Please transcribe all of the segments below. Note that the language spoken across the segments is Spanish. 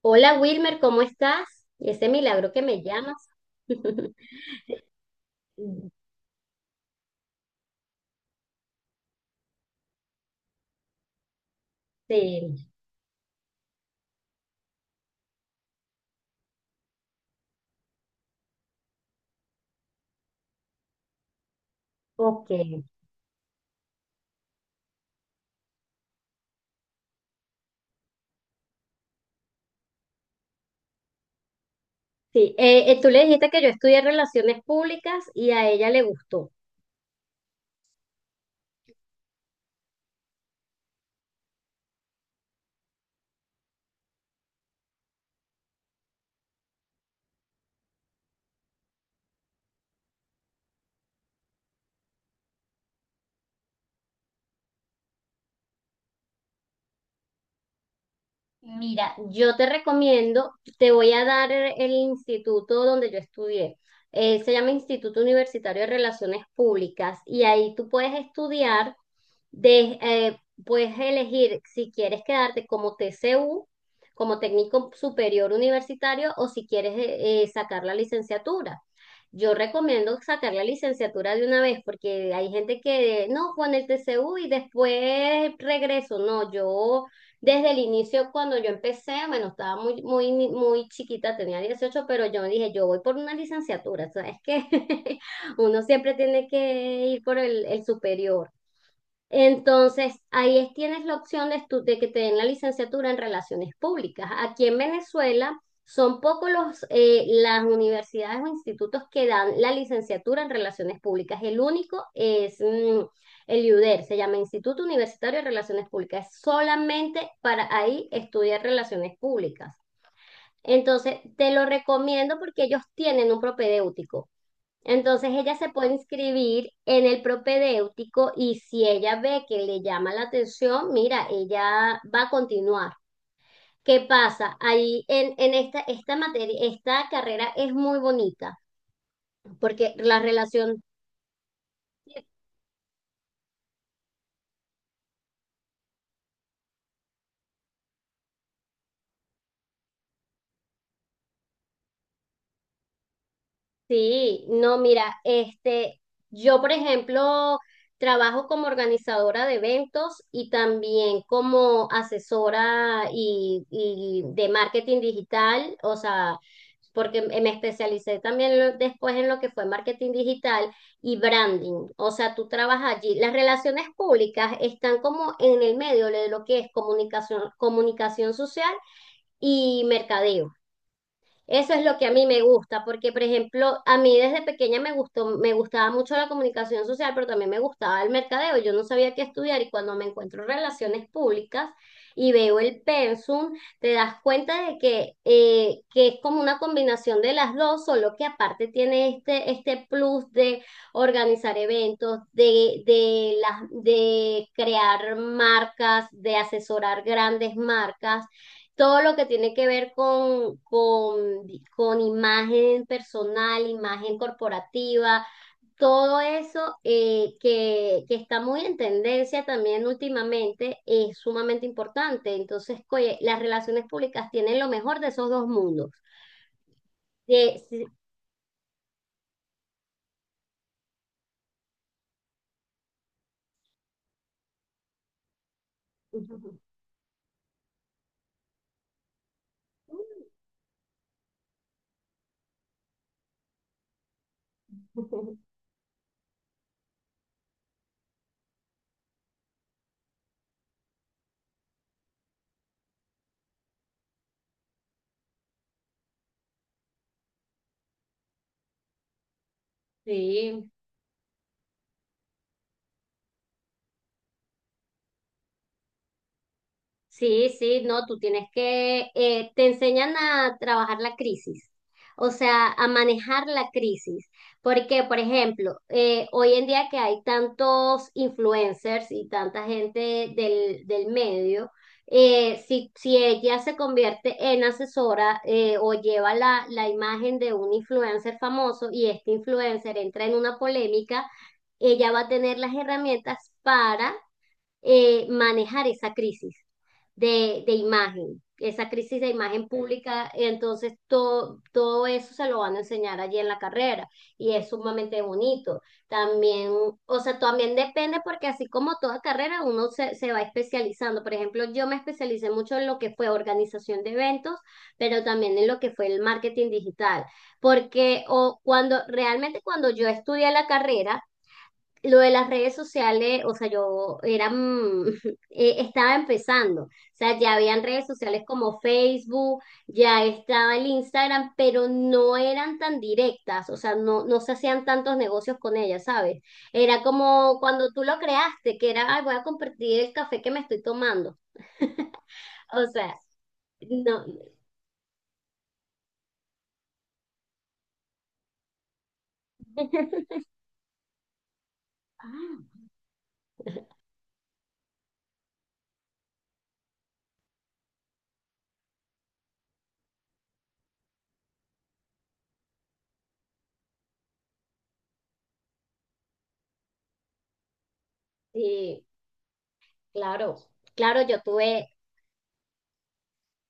Hola Wilmer, ¿cómo estás? Y ese milagro que me llamas. Sí, ok. Sí, tú le dijiste que yo estudié relaciones públicas y a ella le gustó. Mira, yo te recomiendo, te voy a dar el instituto donde yo estudié. Se llama Instituto Universitario de Relaciones Públicas y ahí tú puedes estudiar. De, eh, Puedes elegir si quieres quedarte como TCU, como técnico superior universitario, o si quieres sacar la licenciatura. Yo recomiendo sacar la licenciatura de una vez porque hay gente que no con el TCU y después regreso. No, yo desde el inicio cuando yo empecé, bueno, estaba muy muy muy chiquita, tenía 18, pero yo dije, yo voy por una licenciatura, ¿sabes qué? Uno siempre tiene que ir por el superior. Entonces, ahí tienes la opción de que te den la licenciatura en relaciones públicas. Aquí en Venezuela son pocos las universidades o institutos que dan la licenciatura en relaciones públicas. El único es el IUDER, se llama Instituto Universitario de Relaciones Públicas. Es solamente para ahí estudiar relaciones públicas. Entonces, te lo recomiendo porque ellos tienen un propedéutico. Entonces ella se puede inscribir en el propedéutico y si ella ve que le llama la atención, mira, ella va a continuar. ¿Qué pasa? Ahí en esta materia, esta carrera es muy bonita porque la relación. Sí, no, mira, este, yo por ejemplo trabajo como organizadora de eventos y también como asesora y de marketing digital, o sea, porque me especialicé también después en lo que fue marketing digital y branding, o sea, tú trabajas allí. Las relaciones públicas están como en el medio de lo que es comunicación, comunicación social y mercadeo. Eso es lo que a mí me gusta, porque por ejemplo, a mí desde pequeña me gustaba mucho la comunicación social, pero también me gustaba el mercadeo. Yo no sabía qué estudiar y cuando me encuentro en relaciones públicas y veo el pensum, te das cuenta de que es como una combinación de las dos, solo que aparte tiene este plus de organizar eventos, de crear marcas, de asesorar grandes marcas, todo lo que tiene que ver con imagen personal, imagen corporativa, todo eso, que está muy en tendencia también últimamente, es sumamente importante. Entonces, oye, las relaciones públicas tienen lo mejor de esos dos mundos. Sí. Sí. Sí, sí, no, tú tienes que, te enseñan a trabajar la crisis, o sea, a manejar la crisis, porque, por ejemplo, hoy en día que hay tantos influencers y tanta gente del medio, si ella se convierte en asesora o lleva la imagen de un influencer famoso y este influencer entra en una polémica, ella va a tener las herramientas para manejar esa crisis de imagen, esa crisis de imagen pública. Entonces, todo eso se lo van a enseñar allí en la carrera y es sumamente bonito. También, o sea, también depende porque así como toda carrera, uno se va especializando. Por ejemplo, yo me especialicé mucho en lo que fue organización de eventos, pero también en lo que fue el marketing digital. Porque o cuando realmente cuando yo estudié la carrera, lo de las redes sociales, o sea, estaba empezando, o sea, ya habían redes sociales como Facebook, ya estaba el Instagram, pero no eran tan directas, o sea, no se hacían tantos negocios con ellas, ¿sabes? Era como cuando tú lo creaste, que era, ay, voy a compartir el café que me estoy tomando, o sea, no, ah, sí, claro, claro, yo tuve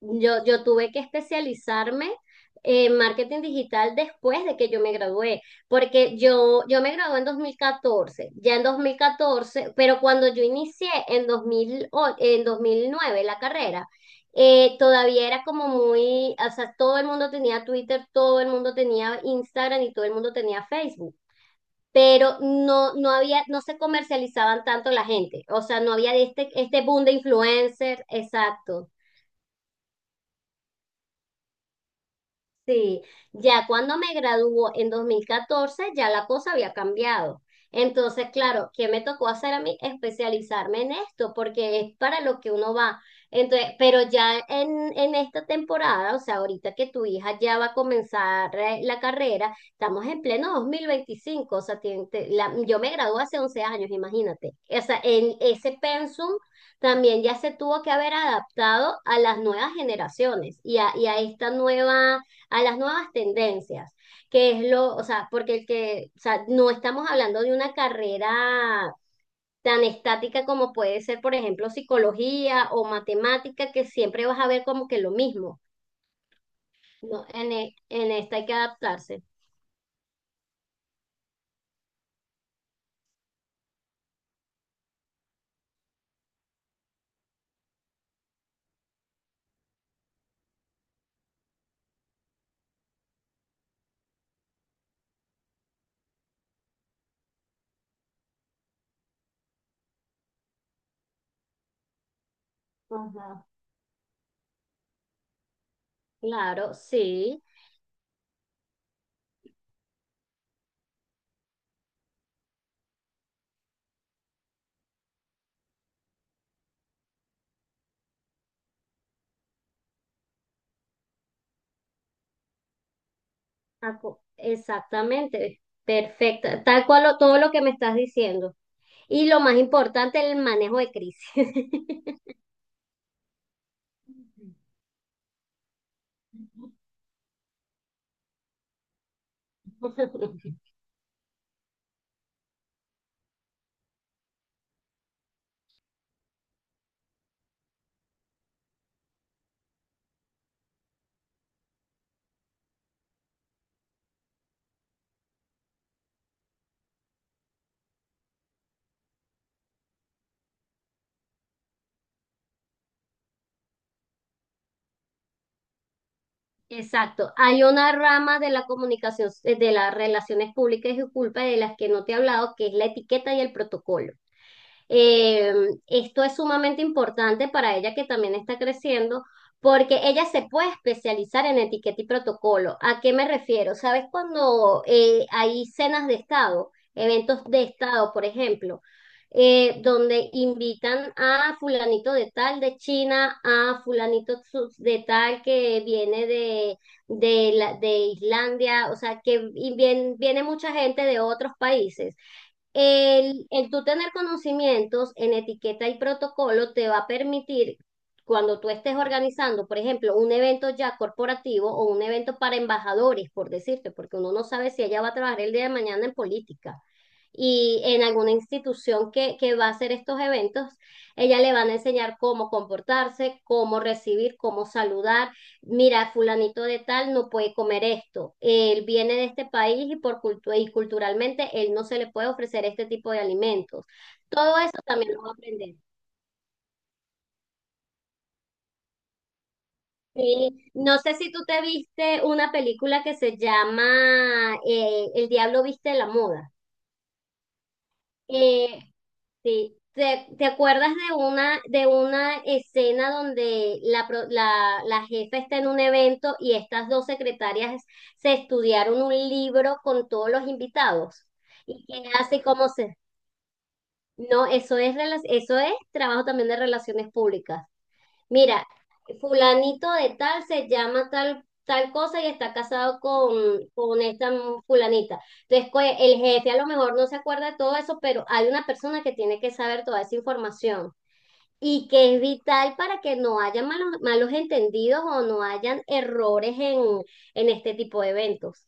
Yo, yo tuve que especializarme en marketing digital después de que yo me gradué, porque yo me gradué en 2014, ya en 2014, pero cuando yo inicié en en 2009 la carrera, todavía era como muy, o sea, todo el mundo tenía Twitter, todo el mundo tenía Instagram y todo el mundo tenía Facebook. Pero no había, no se comercializaban tanto la gente, o sea, no había este boom de influencers, exacto. Sí, ya cuando me graduó en 2014 ya la cosa había cambiado. Entonces, claro, ¿qué me tocó hacer a mí? Especializarme en esto, porque es para lo que uno va. Entonces, pero ya en esta temporada, o sea, ahorita que tu hija ya va a comenzar la carrera, estamos en pleno 2025. O sea, yo me gradué hace 11 años, imagínate. O sea, en ese pensum también ya se tuvo que haber adaptado a las nuevas generaciones y a esta nueva a las nuevas tendencias, que es lo, o sea, porque el que, o sea, no estamos hablando de una carrera tan estática como puede ser, por ejemplo, psicología o matemática, que siempre vas a ver como que lo mismo, ¿no? En esta hay que adaptarse. Ajá. Claro, sí. Exactamente, perfecta, tal cual todo lo que me estás diciendo. Y lo más importante, el manejo de crisis. Exacto, hay una rama de la comunicación, de las relaciones públicas y culpa de las que no te he hablado, que es la etiqueta y el protocolo. Eh, Esto es sumamente importante para ella que también está creciendo, porque ella se puede especializar en etiqueta y protocolo. ¿A qué me refiero? ¿Sabes cuando hay cenas de Estado, eventos de Estado, por ejemplo? Donde invitan a fulanito de tal de China, a fulanito de tal que viene de Islandia, o sea, que viene mucha gente de otros países. El tú tener conocimientos en etiqueta y protocolo te va a permitir, cuando tú estés organizando, por ejemplo, un evento ya corporativo o un evento para embajadores, por decirte, porque uno no sabe si ella va a trabajar el día de mañana en política y en alguna institución que va a hacer estos eventos, ella le van a enseñar cómo comportarse, cómo recibir, cómo saludar, mira, fulanito de tal no puede comer esto, él viene de este país y culturalmente él no se le puede ofrecer este tipo de alimentos. Todo eso también lo va a aprender. Sí, no sé si tú te viste una película que se llama El diablo viste la moda. Eh, Sí. ¿Te acuerdas de una escena donde la jefa está en un evento y estas dos secretarias se estudiaron un libro con todos los invitados? ¿Y qué hace? ¿Cómo se...? No, eso es trabajo también de relaciones públicas. Mira, fulanito de tal se llama tal, tal cosa y está casado con esta fulanita. Entonces, el jefe a lo mejor no se acuerda de todo eso, pero hay una persona que tiene que saber toda esa información y que es vital para que no haya malos, malos entendidos o no hayan errores en este tipo de eventos.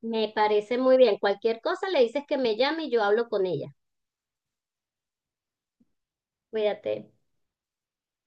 Me parece muy bien. Cualquier cosa le dices que me llame y yo hablo con ella. Cuídate.